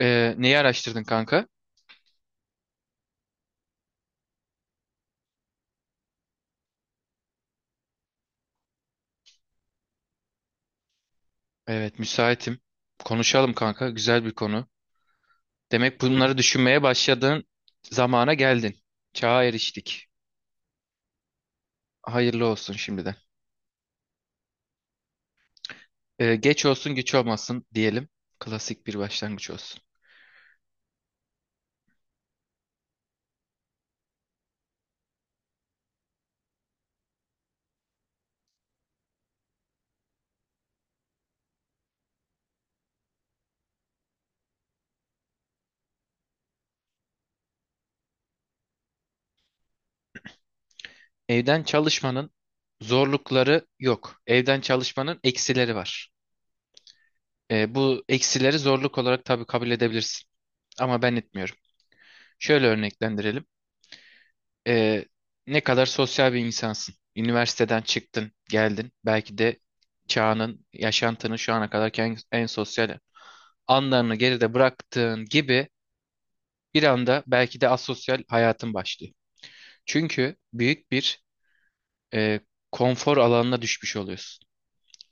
Neyi araştırdın kanka? Evet, müsaitim. Konuşalım kanka. Güzel bir konu. Demek bunları düşünmeye başladığın zamana geldin. Çağa eriştik. Hayırlı olsun şimdiden. Geç olsun güç olmasın diyelim. Klasik bir başlangıç olsun. Evden çalışmanın zorlukları yok. Evden çalışmanın eksileri var. Bu eksileri zorluk olarak tabii kabul edebilirsin. Ama ben etmiyorum. Şöyle örneklendirelim. Ee, Ne kadar sosyal bir insansın. Üniversiteden çıktın, geldin. Belki de çağının, yaşantının şu ana kadar en sosyal anlarını geride bıraktığın gibi bir anda belki de asosyal hayatın başlıyor. Çünkü büyük bir e, konfor alanına düşmüş oluyorsun.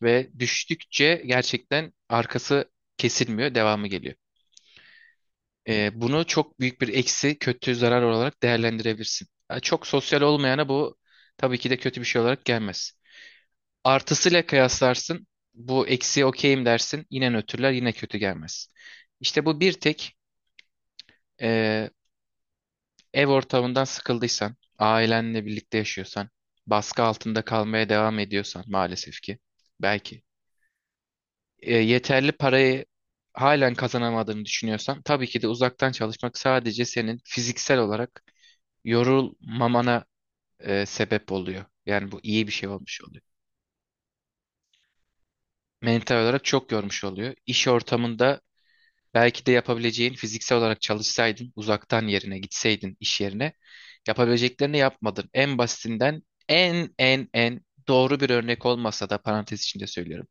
Ve düştükçe gerçekten arkası kesilmiyor, devamı geliyor. Bunu çok büyük bir eksi, kötü zarar olarak değerlendirebilirsin. Ha, çok sosyal olmayana bu tabii ki de kötü bir şey olarak gelmez. Artısıyla kıyaslarsın. Bu eksiye okeyim dersin. Yine nötrler yine kötü gelmez. İşte bu bir tek e, ev ortamından sıkıldıysan, ailenle birlikte yaşıyorsan, baskı altında kalmaya devam ediyorsan maalesef ki belki yeterli parayı halen kazanamadığını düşünüyorsan tabii ki de uzaktan çalışmak sadece senin fiziksel olarak yorulmamana sebep oluyor. Yani bu iyi bir şey olmuş oluyor. Mental olarak çok yormuş oluyor. İş ortamında belki de yapabileceğin fiziksel olarak çalışsaydın, uzaktan yerine gitseydin iş yerine, yapabileceklerini yapmadın. En basitinden en doğru bir örnek olmasa da parantez içinde söylüyorum.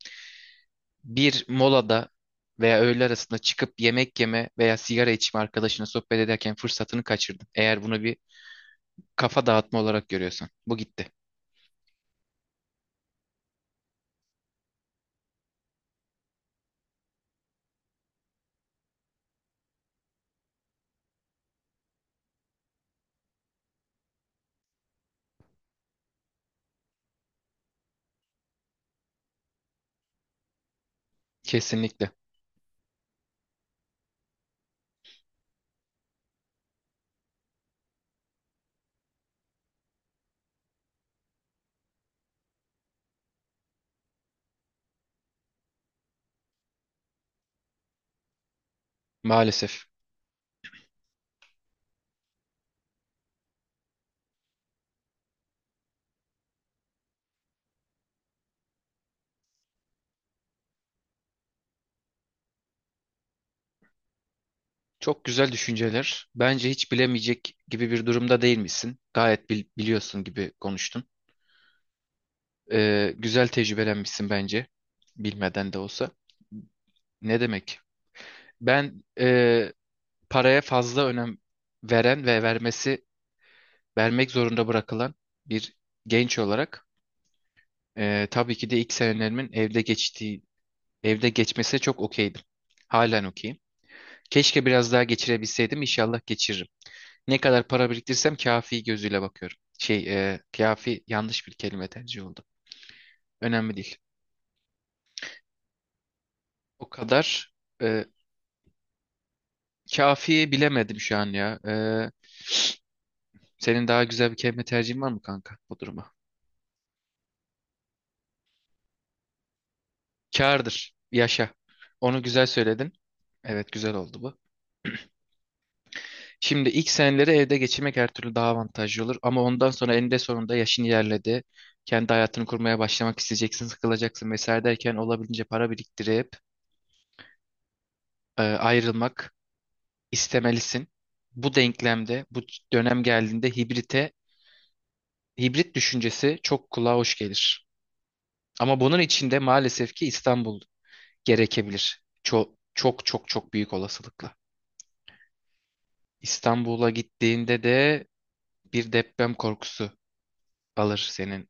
Bir molada veya öğle arasında çıkıp yemek yeme veya sigara içme arkadaşına sohbet ederken fırsatını kaçırdın. Eğer bunu bir kafa dağıtma olarak görüyorsan, bu gitti. Kesinlikle. Maalesef. Çok güzel düşünceler. Bence hiç bilemeyecek gibi bir durumda değil misin? Gayet biliyorsun gibi konuştun. Güzel tecrübelenmişsin bence. Bilmeden de olsa. Ne demek? Ben paraya fazla önem veren ve vermek zorunda bırakılan bir genç olarak tabii ki de ilk senelerimin evde geçtiği evde geçmesi çok okeydim. Halen okeyim. Keşke biraz daha geçirebilseydim. İnşallah geçiririm. Ne kadar para biriktirsem kafi gözüyle bakıyorum. Şey, kafi yanlış bir kelime tercih oldu. Önemli değil. O kadar. e, Kafiye bilemedim şu an ya. Senin daha güzel bir kelime tercihin var mı kanka bu duruma? Kârdır. Yaşa. Onu güzel söyledin. Evet, güzel oldu bu. Şimdi ilk seneleri evde geçirmek her türlü daha avantajlı olur. Ama ondan sonra eninde sonunda yaşın ilerledi. Kendi hayatını kurmaya başlamak isteyeceksin, sıkılacaksın vesaire derken olabildiğince para biriktirip ayrılmak istemelisin. Bu denklemde, bu dönem geldiğinde hibrit düşüncesi çok kulağa hoş gelir. Ama bunun içinde maalesef ki İstanbul gerekebilir. Çok çok çok çok büyük olasılıkla. İstanbul'a gittiğinde de bir deprem korkusu alır senin.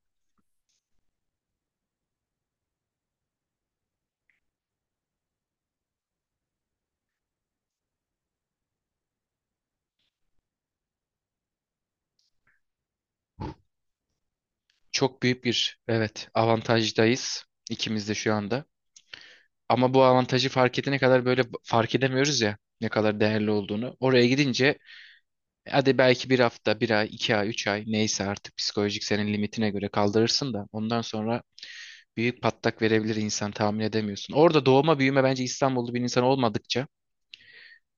Çok büyük bir evet avantajdayız ikimiz de şu anda. Ama bu avantajı fark edene kadar böyle fark edemiyoruz ya ne kadar değerli olduğunu. Oraya gidince hadi belki bir hafta, bir ay, 2 ay, 3 ay neyse artık psikolojik senin limitine göre kaldırırsın da ondan sonra büyük patlak verebilir, insan tahmin edemiyorsun. Orada doğma büyüme bence İstanbullu bir insan olmadıkça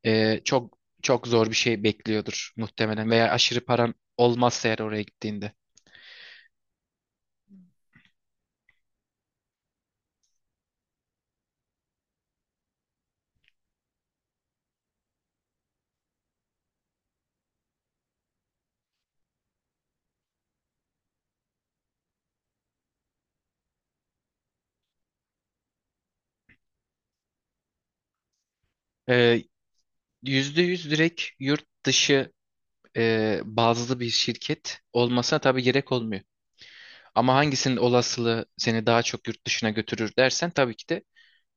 Çok çok zor bir şey bekliyordur muhtemelen veya aşırı paran olmazsa eğer oraya gittiğinde. Ee, %100 direkt yurt dışı bazlı bir şirket olmasına tabii gerek olmuyor. Ama hangisinin olasılığı seni daha çok yurt dışına götürür dersen tabii ki de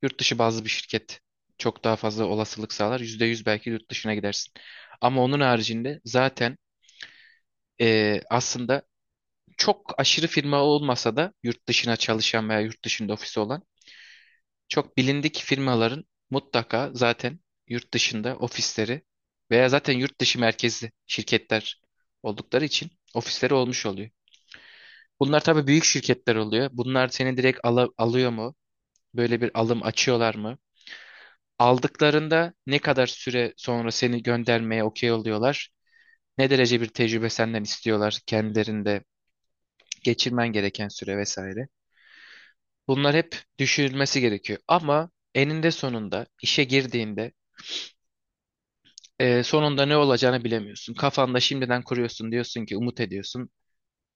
yurt dışı bazlı bir şirket çok daha fazla olasılık sağlar. %100 belki yurt dışına gidersin. Ama onun haricinde zaten aslında çok aşırı firma olmasa da yurt dışına çalışan veya yurt dışında ofisi olan çok bilindik firmaların mutlaka zaten yurt dışında ofisleri veya zaten yurt dışı merkezli şirketler oldukları için ofisleri olmuş oluyor. Bunlar tabii büyük şirketler oluyor. Bunlar seni direkt alıyor mu? Böyle bir alım açıyorlar mı? Aldıklarında ne kadar süre sonra seni göndermeye okey oluyorlar? Ne derece bir tecrübe senden istiyorlar, kendilerinde geçirmen gereken süre vesaire. Bunlar hep düşünülmesi gerekiyor. Ama eninde sonunda işe girdiğinde sonunda ne olacağını bilemiyorsun. Kafanda şimdiden kuruyorsun, diyorsun ki umut ediyorsun.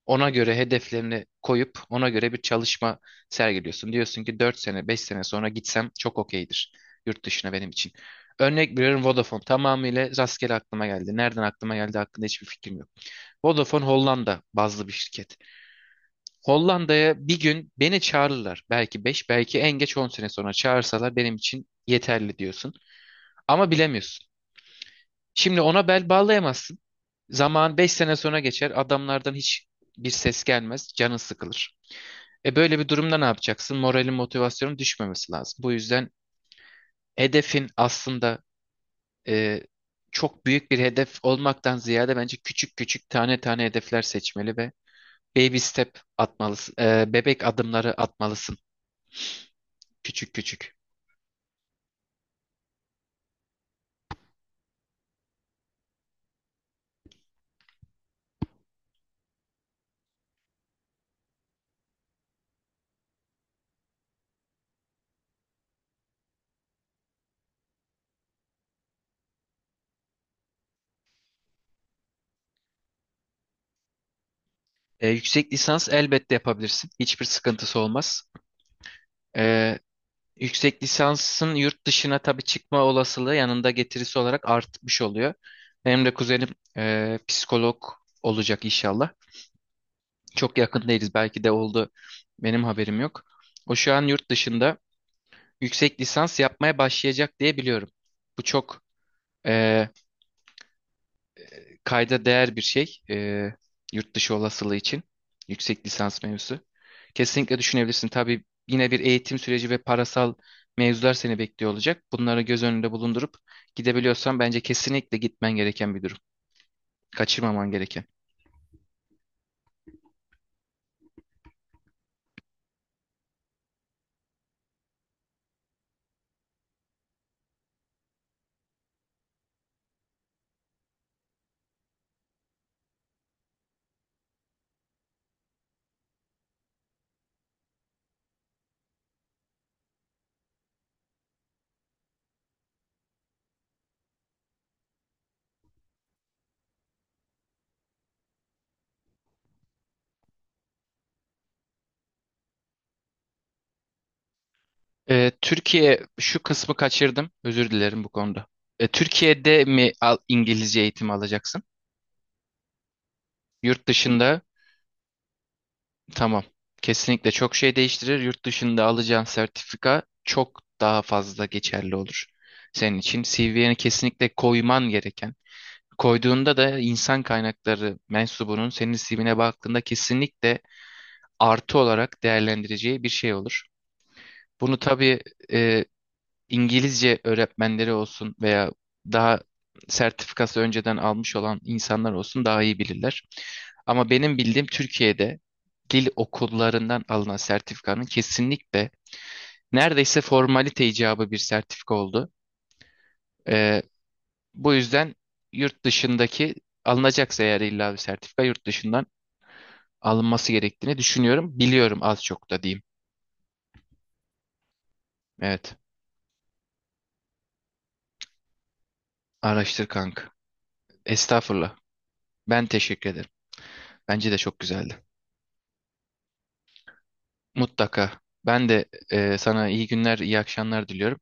Ona göre hedeflerini koyup ona göre bir çalışma sergiliyorsun. Diyorsun ki 4 sene 5 sene sonra gitsem çok okeydir yurt dışına benim için. Örnek veriyorum, Vodafone tamamıyla rastgele aklıma geldi. Nereden aklıma geldi hakkında hiçbir fikrim yok. Vodafone Hollanda bazlı bir şirket. Hollanda'ya bir gün beni çağırırlar. Belki 5, belki en geç 10 sene sonra çağırsalar benim için yeterli diyorsun. Ama bilemiyorsun. Şimdi ona bel bağlayamazsın. Zaman 5 sene sonra geçer. Adamlardan hiç bir ses gelmez. Canın sıkılır. Böyle bir durumda ne yapacaksın? Moralin, motivasyonun düşmemesi lazım. Bu yüzden hedefin aslında e, çok büyük bir hedef olmaktan ziyade bence küçük küçük tane tane hedefler seçmeli ve baby step atmalısın. Bebek adımları atmalısın. Küçük küçük. Yüksek lisans elbette yapabilirsin. Hiçbir sıkıntısı olmaz. E, Yüksek lisansın yurt dışına tabii çıkma olasılığı yanında getirisi olarak artmış oluyor. Benim de kuzenim psikolog olacak inşallah. Çok yakın değiliz, belki de oldu. Benim haberim yok. O şu an yurt dışında yüksek lisans yapmaya başlayacak diye biliyorum. Bu çok e, kayda değer bir şey. Yurt dışı olasılığı için yüksek lisans mevzusu. Kesinlikle düşünebilirsin. Tabii yine bir eğitim süreci ve parasal mevzular seni bekliyor olacak. Bunları göz önünde bulundurup gidebiliyorsan bence kesinlikle gitmen gereken bir durum. Kaçırmaman gereken. Türkiye şu kısmı kaçırdım. Özür dilerim bu konuda. Türkiye'de mi al, İngilizce eğitimi alacaksın? Yurt dışında. Tamam. Kesinlikle çok şey değiştirir. Yurt dışında alacağın sertifika çok daha fazla geçerli olur. Senin için CV'ni kesinlikle koyman gereken. Koyduğunda da insan kaynakları mensubunun senin CV'ne baktığında kesinlikle artı olarak değerlendireceği bir şey olur. Bunu tabii e, İngilizce öğretmenleri olsun veya daha sertifikası önceden almış olan insanlar olsun daha iyi bilirler. Ama benim bildiğim Türkiye'de dil okullarından alınan sertifikanın kesinlikle neredeyse formalite icabı bir sertifika oldu. Ee, Bu yüzden yurt dışındaki alınacaksa eğer illa bir sertifika yurt dışından alınması gerektiğini düşünüyorum. Biliyorum, az çok da diyeyim. Evet. Araştır kanka. Estağfurullah. Ben teşekkür ederim. Bence de çok güzeldi. Mutlaka. Ben de sana iyi günler, iyi akşamlar diliyorum.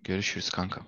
Görüşürüz kanka.